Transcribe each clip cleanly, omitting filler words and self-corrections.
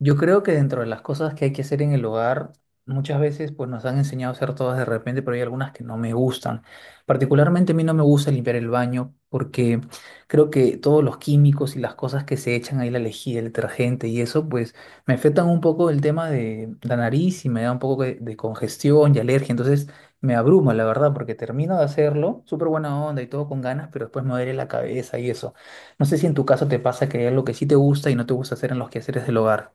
Yo creo que dentro de las cosas que hay que hacer en el hogar, muchas veces pues nos han enseñado a hacer todas de repente, pero hay algunas que no me gustan. Particularmente a mí no me gusta limpiar el baño porque creo que todos los químicos y las cosas que se echan ahí, la lejía, el detergente y eso, pues me afectan un poco el tema de la nariz y me da un poco de congestión y alergia. Entonces me abruma, la verdad, porque termino de hacerlo, súper buena onda y todo con ganas, pero después me duele la cabeza y eso. No sé si en tu caso te pasa que hay algo que sí te gusta y no te gusta hacer en los quehaceres del hogar.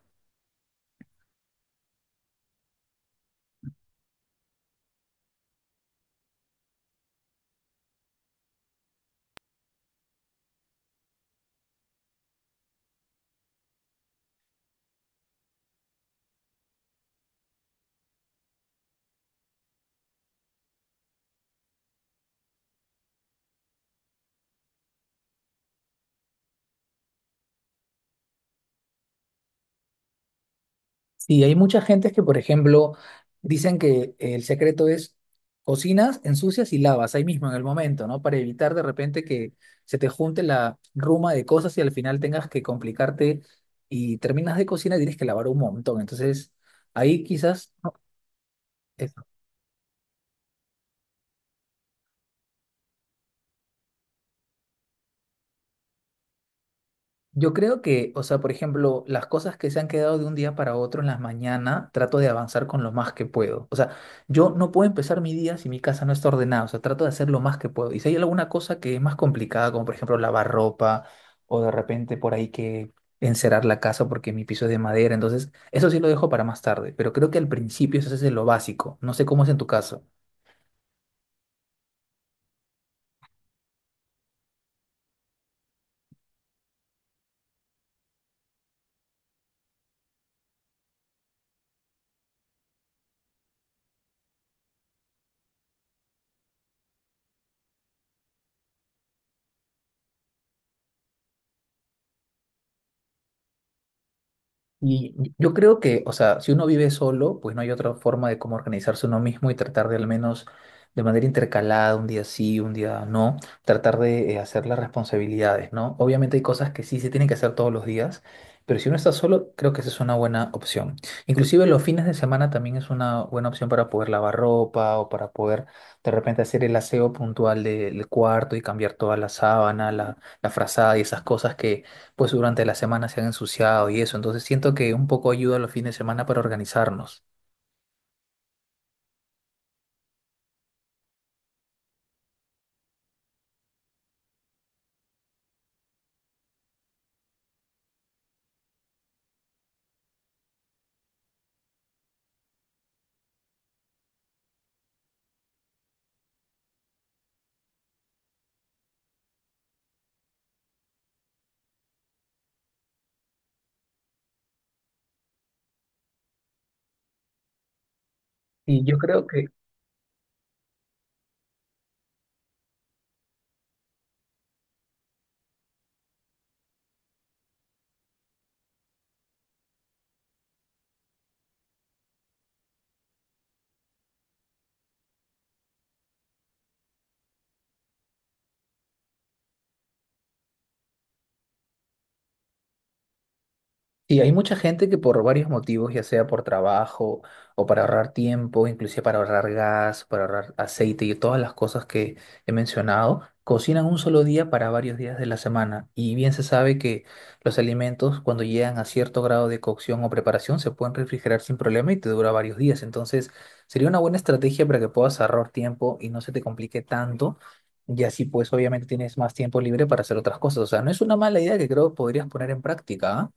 Sí, hay mucha gente que, por ejemplo, dicen que el secreto es cocinas, ensucias y lavas ahí mismo en el momento, ¿no? Para evitar de repente que se te junte la ruma de cosas y al final tengas que complicarte y terminas de cocinar y tienes que lavar un montón. Entonces, ahí quizás, ¿no? Yo creo que, o sea, por ejemplo, las cosas que se han quedado de un día para otro en las mañanas, trato de avanzar con lo más que puedo. O sea, yo no puedo empezar mi día si mi casa no está ordenada. O sea, trato de hacer lo más que puedo. Y si hay alguna cosa que es más complicada, como por ejemplo lavar ropa o de repente por ahí que encerar la casa porque mi piso es de madera, entonces eso sí lo dejo para más tarde. Pero creo que al principio eso es lo básico. No sé cómo es en tu caso. Y yo creo que, o sea, si uno vive solo, pues no hay otra forma de cómo organizarse uno mismo y tratar de al menos de manera intercalada, un día sí, un día no, tratar de hacer las responsabilidades, ¿no? Obviamente hay cosas que sí se tienen que hacer todos los días, pero si uno está solo, creo que esa es una buena opción. Inclusive los fines de semana también es una buena opción para poder lavar ropa o para poder de repente hacer el aseo puntual del cuarto y cambiar toda la sábana, la frazada y esas cosas que pues durante la semana se han ensuciado y eso. Entonces siento que un poco ayuda los fines de semana para organizarnos. Y yo creo que, y hay mucha gente que por varios motivos, ya sea por trabajo o para ahorrar tiempo, inclusive para ahorrar gas, para ahorrar aceite y todas las cosas que he mencionado, cocinan un solo día para varios días de la semana. Y bien se sabe que los alimentos cuando llegan a cierto grado de cocción o preparación se pueden refrigerar sin problema y te dura varios días. Entonces sería una buena estrategia para que puedas ahorrar tiempo y no se te complique tanto. Y así pues obviamente tienes más tiempo libre para hacer otras cosas. O sea, no es una mala idea que creo que podrías poner en práctica, ¿ah?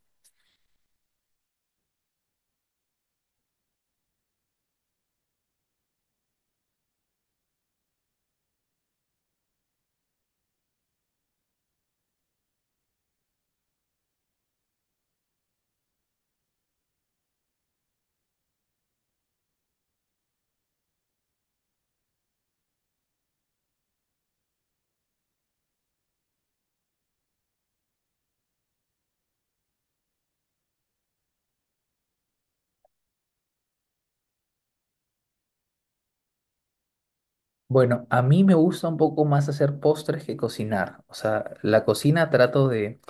Bueno, a mí me gusta un poco más hacer postres que cocinar. O sea, la cocina trato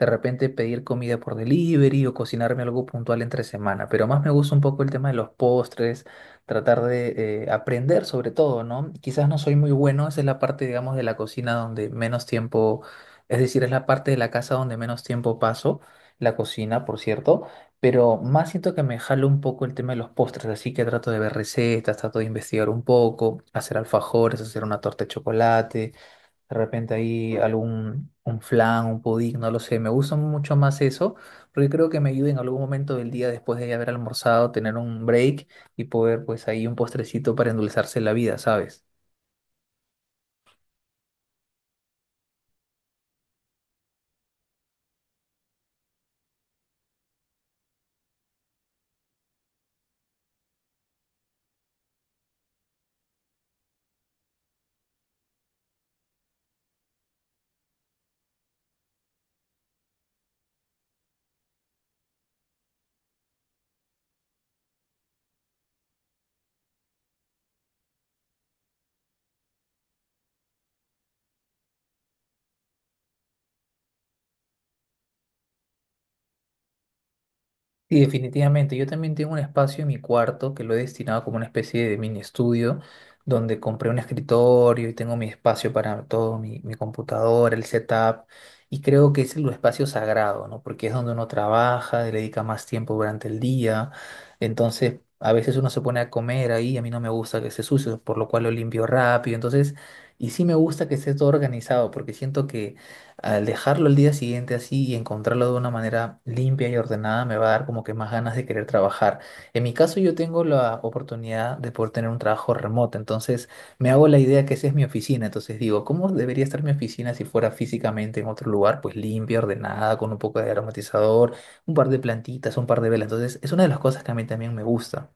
de repente pedir comida por delivery o cocinarme algo puntual entre semana, pero más me gusta un poco el tema de los postres, tratar de aprender sobre todo, ¿no? Quizás no soy muy bueno, esa es la parte, digamos, de la cocina donde menos tiempo, es decir, es la parte de la casa donde menos tiempo paso, la cocina, por cierto, pero más siento que me jalo un poco el tema de los postres, así que trato de ver recetas, trato de investigar un poco, hacer alfajores, hacer una torta de chocolate, de repente ahí algún un flan, un pudín, no lo sé, me gusta mucho más eso, porque creo que me ayuda en algún momento del día después de haber almorzado, tener un break y poder pues ahí un postrecito para endulzarse la vida, ¿sabes? Sí, definitivamente. Yo también tengo un espacio en mi cuarto que lo he destinado como una especie de mini estudio, donde compré un escritorio y tengo mi espacio para todo, mi computadora, el setup. Y creo que ese es el espacio sagrado, ¿no? Porque es donde uno trabaja, le dedica más tiempo durante el día. Entonces, a veces uno se pone a comer ahí, a mí no me gusta que esté sucio, por lo cual lo limpio rápido. Entonces, y sí me gusta que esté todo organizado, porque siento que al dejarlo el día siguiente así y encontrarlo de una manera limpia y ordenada, me va a dar como que más ganas de querer trabajar. En mi caso, yo tengo la oportunidad de poder tener un trabajo remoto, entonces me hago la idea que esa es mi oficina. Entonces digo, ¿cómo debería estar mi oficina si fuera físicamente en otro lugar? Pues limpia, ordenada, con un poco de aromatizador, un par de plantitas, un par de velas. Entonces, es una de las cosas que a mí también me gusta.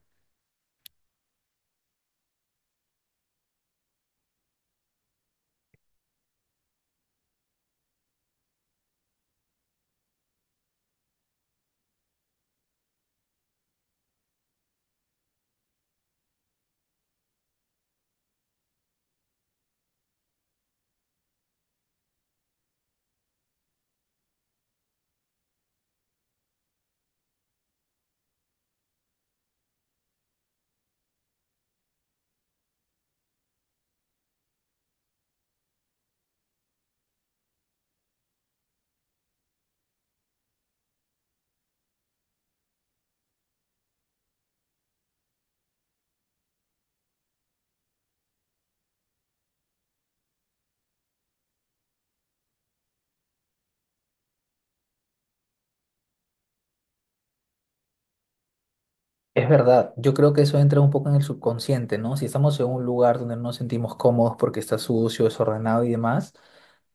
Es verdad, yo creo que eso entra un poco en el subconsciente, ¿no? Si estamos en un lugar donde no nos sentimos cómodos porque está sucio, desordenado y demás,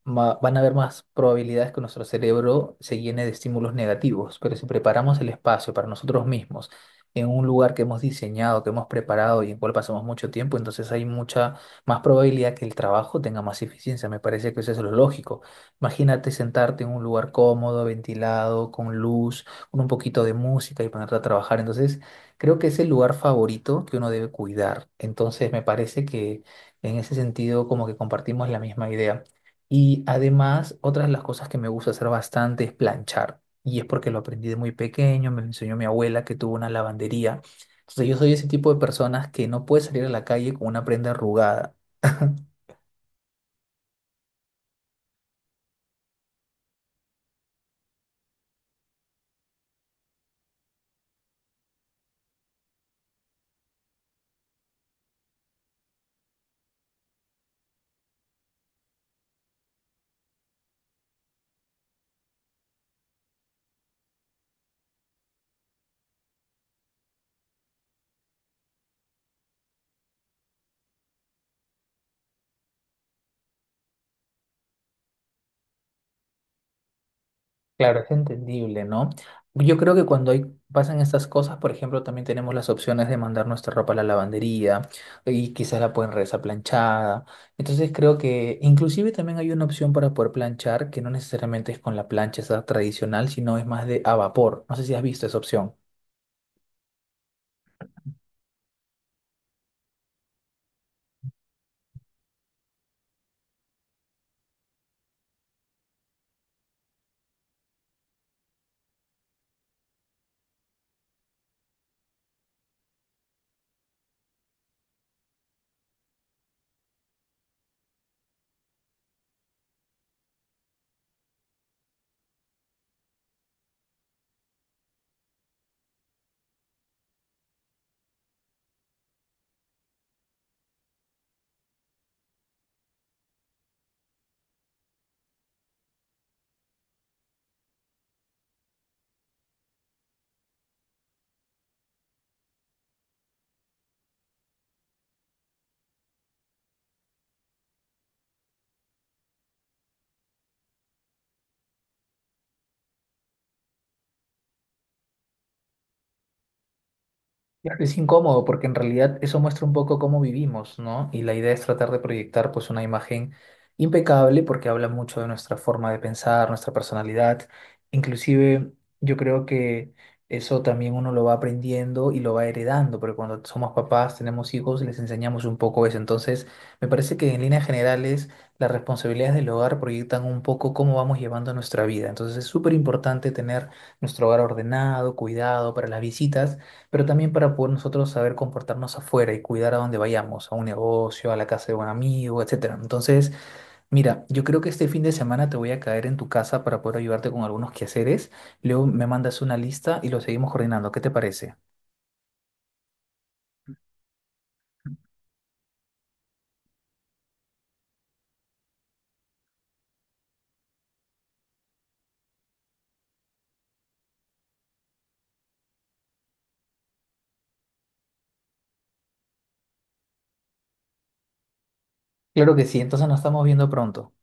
van a haber más probabilidades que nuestro cerebro se llene de estímulos negativos, pero si preparamos el espacio para nosotros mismos en un lugar que hemos diseñado, que hemos preparado y en cual pasamos mucho tiempo, entonces hay mucha más probabilidad que el trabajo tenga más eficiencia. Me parece que eso es lo lógico. Imagínate sentarte en un lugar cómodo, ventilado, con luz, con un poquito de música y ponerte a trabajar. Entonces, creo que es el lugar favorito que uno debe cuidar. Entonces, me parece que en ese sentido como que compartimos la misma idea. Y además, otras de las cosas que me gusta hacer bastante es planchar. Y es porque lo aprendí de muy pequeño, me lo enseñó mi abuela que tuvo una lavandería. Entonces yo soy ese tipo de personas que no puede salir a la calle con una prenda arrugada. Claro, es entendible, ¿no? Yo creo que cuando hay, pasan estas cosas, por ejemplo, también tenemos las opciones de mandar nuestra ropa a la lavandería y quizás la pueden regresar planchada. Entonces creo que inclusive también hay una opción para poder planchar que no necesariamente es con la plancha esa tradicional, sino es más de a vapor. No sé si has visto esa opción. Claro, es incómodo porque en realidad eso muestra un poco cómo vivimos, ¿no? Y la idea es tratar de proyectar pues una imagen impecable porque habla mucho de nuestra forma de pensar, nuestra personalidad. Inclusive yo creo que eso también uno lo va aprendiendo y lo va heredando, porque cuando somos papás, tenemos hijos, les enseñamos un poco eso. Entonces, me parece que en líneas generales las responsabilidades del hogar proyectan un poco cómo vamos llevando nuestra vida. Entonces es súper importante tener nuestro hogar ordenado, cuidado para las visitas, pero también para poder nosotros saber comportarnos afuera y cuidar a donde vayamos, a un negocio, a la casa de un amigo, etcétera. Entonces, mira, yo creo que este fin de semana te voy a caer en tu casa para poder ayudarte con algunos quehaceres. Luego me mandas una lista y lo seguimos coordinando. ¿Qué te parece? Claro que sí, entonces nos estamos viendo pronto.